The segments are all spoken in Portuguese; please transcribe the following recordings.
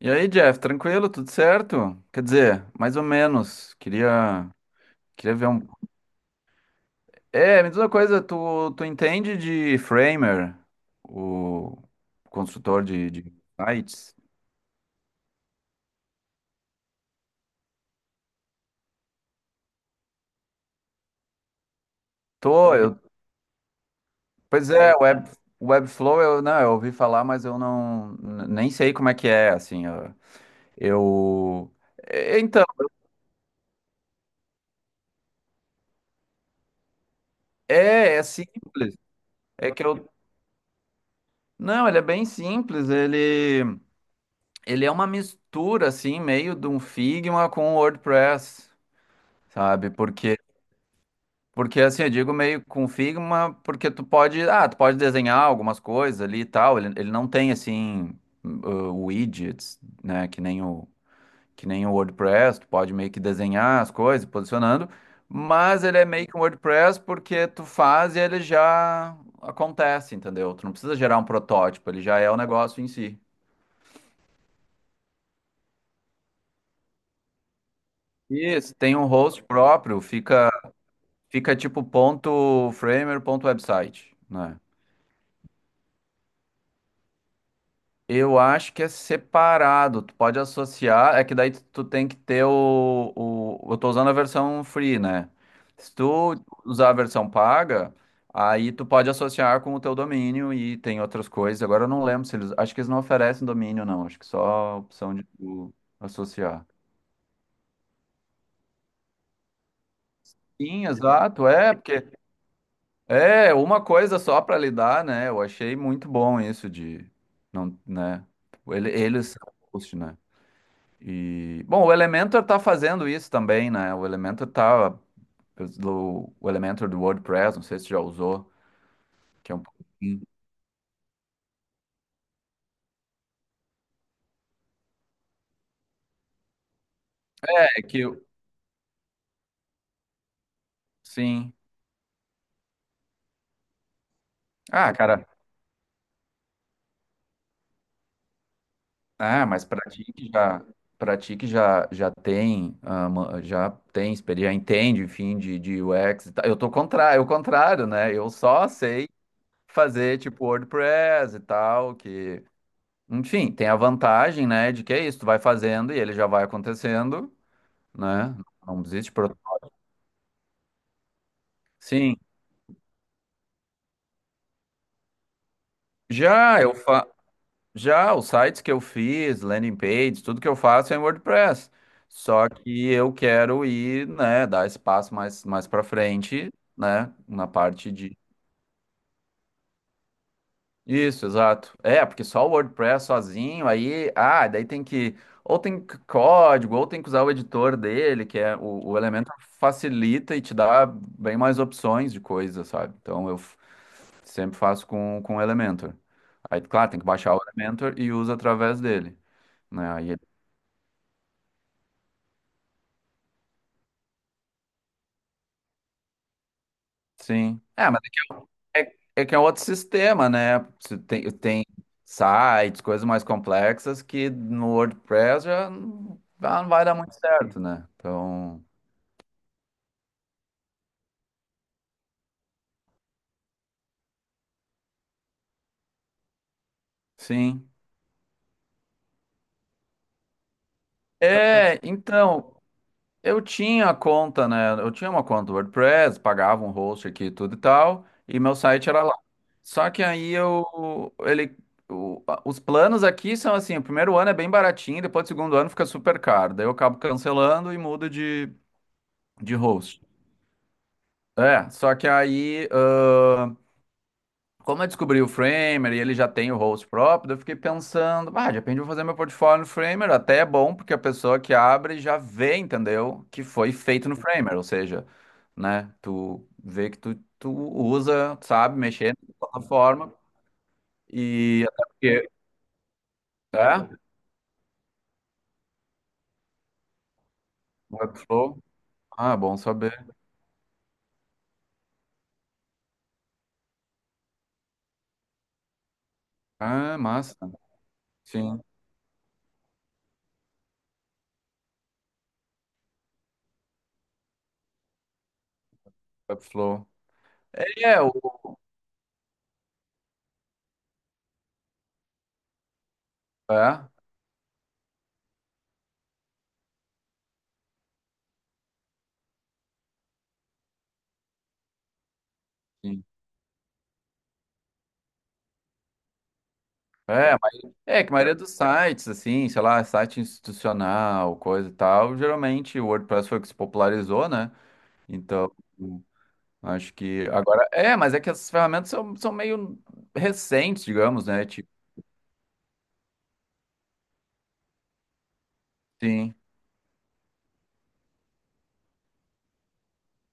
E aí, Jeff, tranquilo? Tudo certo? Quer dizer, mais ou menos. Queria ver um. É, me diz uma coisa, tu entende de Framer, o construtor de sites? Tô, eu. Pois é, web, Webflow, eu não, eu ouvi falar, mas eu não nem sei como é que é, assim. Eu- é, então, é, é simples. É que eu. Não, ele é bem simples. Ele é uma mistura, assim, meio de um Figma com o WordPress, sabe? Porque assim, eu digo meio com Figma, porque tu pode, ah, tu pode desenhar algumas coisas ali e tal. Ele não tem, assim, widgets, né? Que nem o WordPress. Tu pode meio que desenhar as coisas, posicionando. Mas ele é meio que um WordPress porque tu faz e ele já acontece, entendeu? Tu não precisa gerar um protótipo, ele já é o negócio em si. Isso, tem um host próprio, fica tipo ponto framer, ponto website, né? Eu acho que é separado, tu pode associar, é que daí tu tem que ter o... Eu tô usando a versão free, né? Se tu usar a versão paga, aí tu pode associar com o teu domínio e tem outras coisas. Agora eu não lembro se eles... Acho que eles não oferecem domínio, não. Acho que só a opção de tu associar. Sim, exato, é, porque é, uma coisa só para lidar, né? Eu achei muito bom isso de não, né? Eles são host, né? E bom, o Elementor tá fazendo isso também, né? O Elementor do WordPress, não sei se já usou, que é um pouquinho. É, é que o- sim. Ah, cara, ah, mas para ti que já para ti que já já tem ah, já tem experiência, entende, enfim, de UX, e tal. Eu tô contra, é o contrário, né? Eu só sei fazer tipo WordPress e tal, que, enfim, tem a vantagem, né, de que é isso, tu vai fazendo e ele já vai acontecendo, né? Não existe pro... Sim. Já eu fa... já os sites que eu fiz, landing pages, tudo que eu faço é em WordPress. Só que eu quero ir, né, dar espaço mais para frente, né, na parte de isso, exato. É, porque só o WordPress sozinho, aí, ah, daí tem que, ou tem código, ou tem que usar o editor dele, que é o elemento facilita e te dá bem mais opções de coisa, sabe? Sempre faço com o Elementor. Aí, claro, tem que baixar o Elementor e usa através dele, né? Aí, ele- sim. É que é outro sistema, né? Você tem, tem sites, coisas mais complexas que no WordPress já não vai dar muito certo, né? Então, sim. É, então, eu tinha conta, né? Eu tinha uma conta do WordPress, pagava um host aqui e tudo e tal, e meu site era lá. Só que aí eu, ele, o- a- os planos aqui são assim, o primeiro ano é bem baratinho, depois o segundo ano fica super caro. Daí eu acabo cancelando e mudo de host. É, só que aí, como eu descobri o Framer e ele já tem o host próprio, daí eu fiquei pensando, ah, de repente eu vou fazer meu portfólio no Framer, até é bom, porque a pessoa que abre já vê, entendeu, que foi feito no Framer, ou seja, né, tu vê que tu, tu usa, sabe, mexer na plataforma, e até porque, é, Webflow, ah, bom saber, ah, massa, sim, Webflow, é, o, é, sim. É, é que a maioria dos sites, assim, sei lá, site institucional, coisa e tal, geralmente o WordPress foi o que se popularizou, né? Então, acho que agora. É, mas é que essas ferramentas são, são meio recentes, digamos, né? Tipo, sim.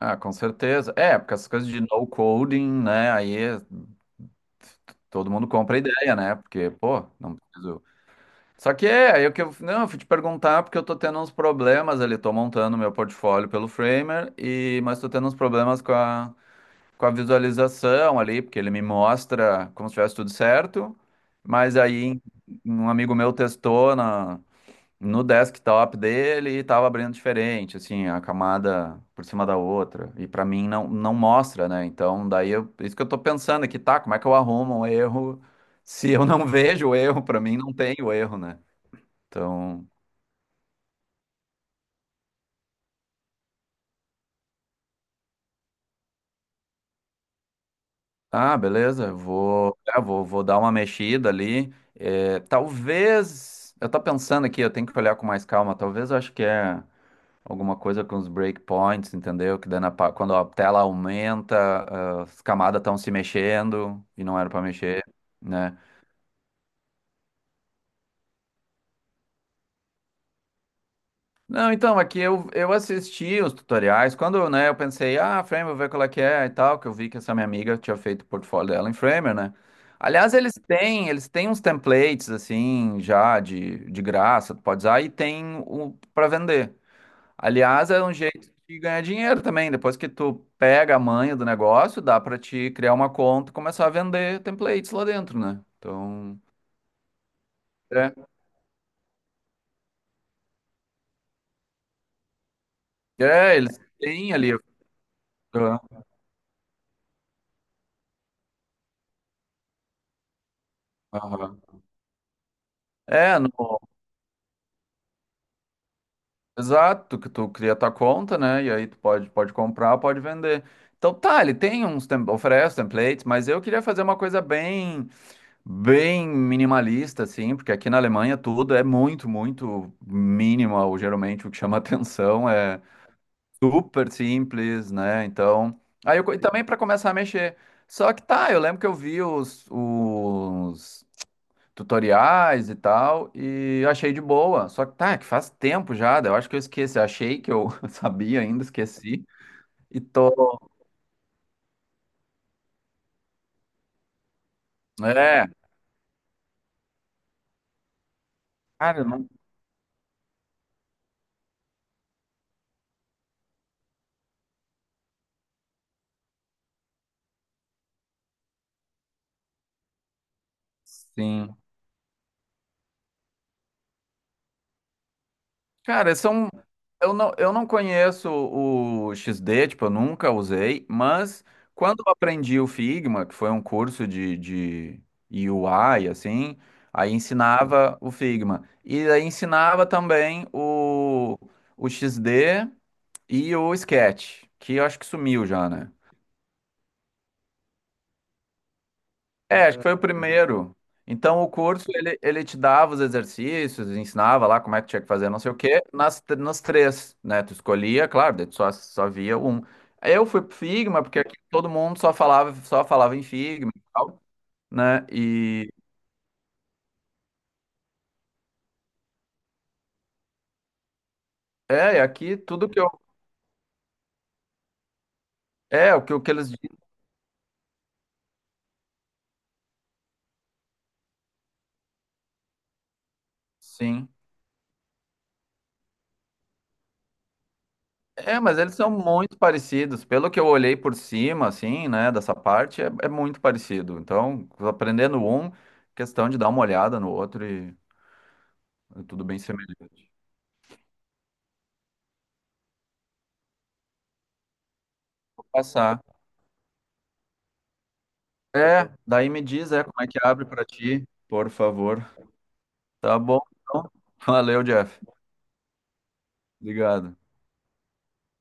Ah, com certeza. É, porque essas coisas de no coding, né? Todo mundo compra a ideia, né? Porque, pô, não preciso. Só que é, aí o que eu, não, eu fui te perguntar porque eu tô tendo uns problemas ali, tô montando meu portfólio pelo Framer, e, mas tô tendo uns problemas com a visualização ali, porque ele me mostra como se tivesse tudo certo, mas aí um amigo meu testou na, no desktop dele e tava abrindo diferente, assim, a camada por cima da outra, e pra mim não, não mostra, né? Então daí eu, isso que eu tô pensando aqui, tá, como é que eu arrumo um erro se eu não vejo o erro, pra mim não tem o erro, né? Então, ah, beleza, eu vou, é, vou dar uma mexida ali. É, talvez, eu tô pensando aqui, eu tenho que olhar com mais calma. Talvez eu acho que é alguma coisa com os breakpoints, entendeu? Que daí na quando a tela aumenta, ah, as camadas estão se mexendo e não era pra mexer, né? Não, então, aqui eu assisti os tutoriais, quando, né, eu pensei, ah, Framer, vou ver qual é que é e tal, que eu vi que essa minha amiga tinha feito o portfólio dela em Framer, né? Aliás, eles têm uns templates, assim, já de graça, tu pode usar, e tem o para vender. Aliás, é um jeito de ganhar dinheiro também, depois que tu pega a manha do negócio, dá pra te criar uma conta e começar a vender templates lá dentro, né? Então, é, é, eles têm ali... aham, aham. É, no, exato, que tu cria tua conta, né? E aí tu pode, pode comprar, pode vender. Então tá, ele tem uns, oferece templates, mas eu queria fazer uma coisa bem, bem minimalista, assim, porque aqui na Alemanha tudo é muito, muito minimal, geralmente o que chama atenção é super simples, né? Então, aí eu, e também para começar a mexer. Só que tá, eu lembro que eu vi os tutoriais e tal, e eu achei de boa. Só que tá, é que faz tempo já, daí eu acho que eu esqueci. Eu achei que eu sabia ainda, esqueci. E tô. É, cara, eu não. Sim. Cara, são. Eu não conheço o XD, tipo, eu nunca usei, mas quando eu aprendi o Figma, que foi um curso de UI, assim, aí ensinava o Figma. E aí ensinava também o XD e o Sketch, que eu acho que sumiu já, né? É, acho que foi o primeiro. Então, o curso, ele te dava os exercícios, ensinava lá como é que tinha que fazer, não sei o quê, nas, nas três, né? Tu escolhia, claro, daí tu só, só via um. Aí eu fui pro Figma, porque aqui todo mundo só falava em Figma e tal, né? E, é, e aqui tudo que eu... É, o que eles dizem, sim. É, mas eles são muito parecidos. Pelo que eu olhei por cima, assim, né, dessa parte, é, é muito parecido. Então, aprendendo um, questão de dar uma olhada no outro e é tudo bem semelhante. Vou passar. É, daí me diz, é, como é que abre pra ti, por favor. Tá bom, então. Valeu, Jeff. Obrigado.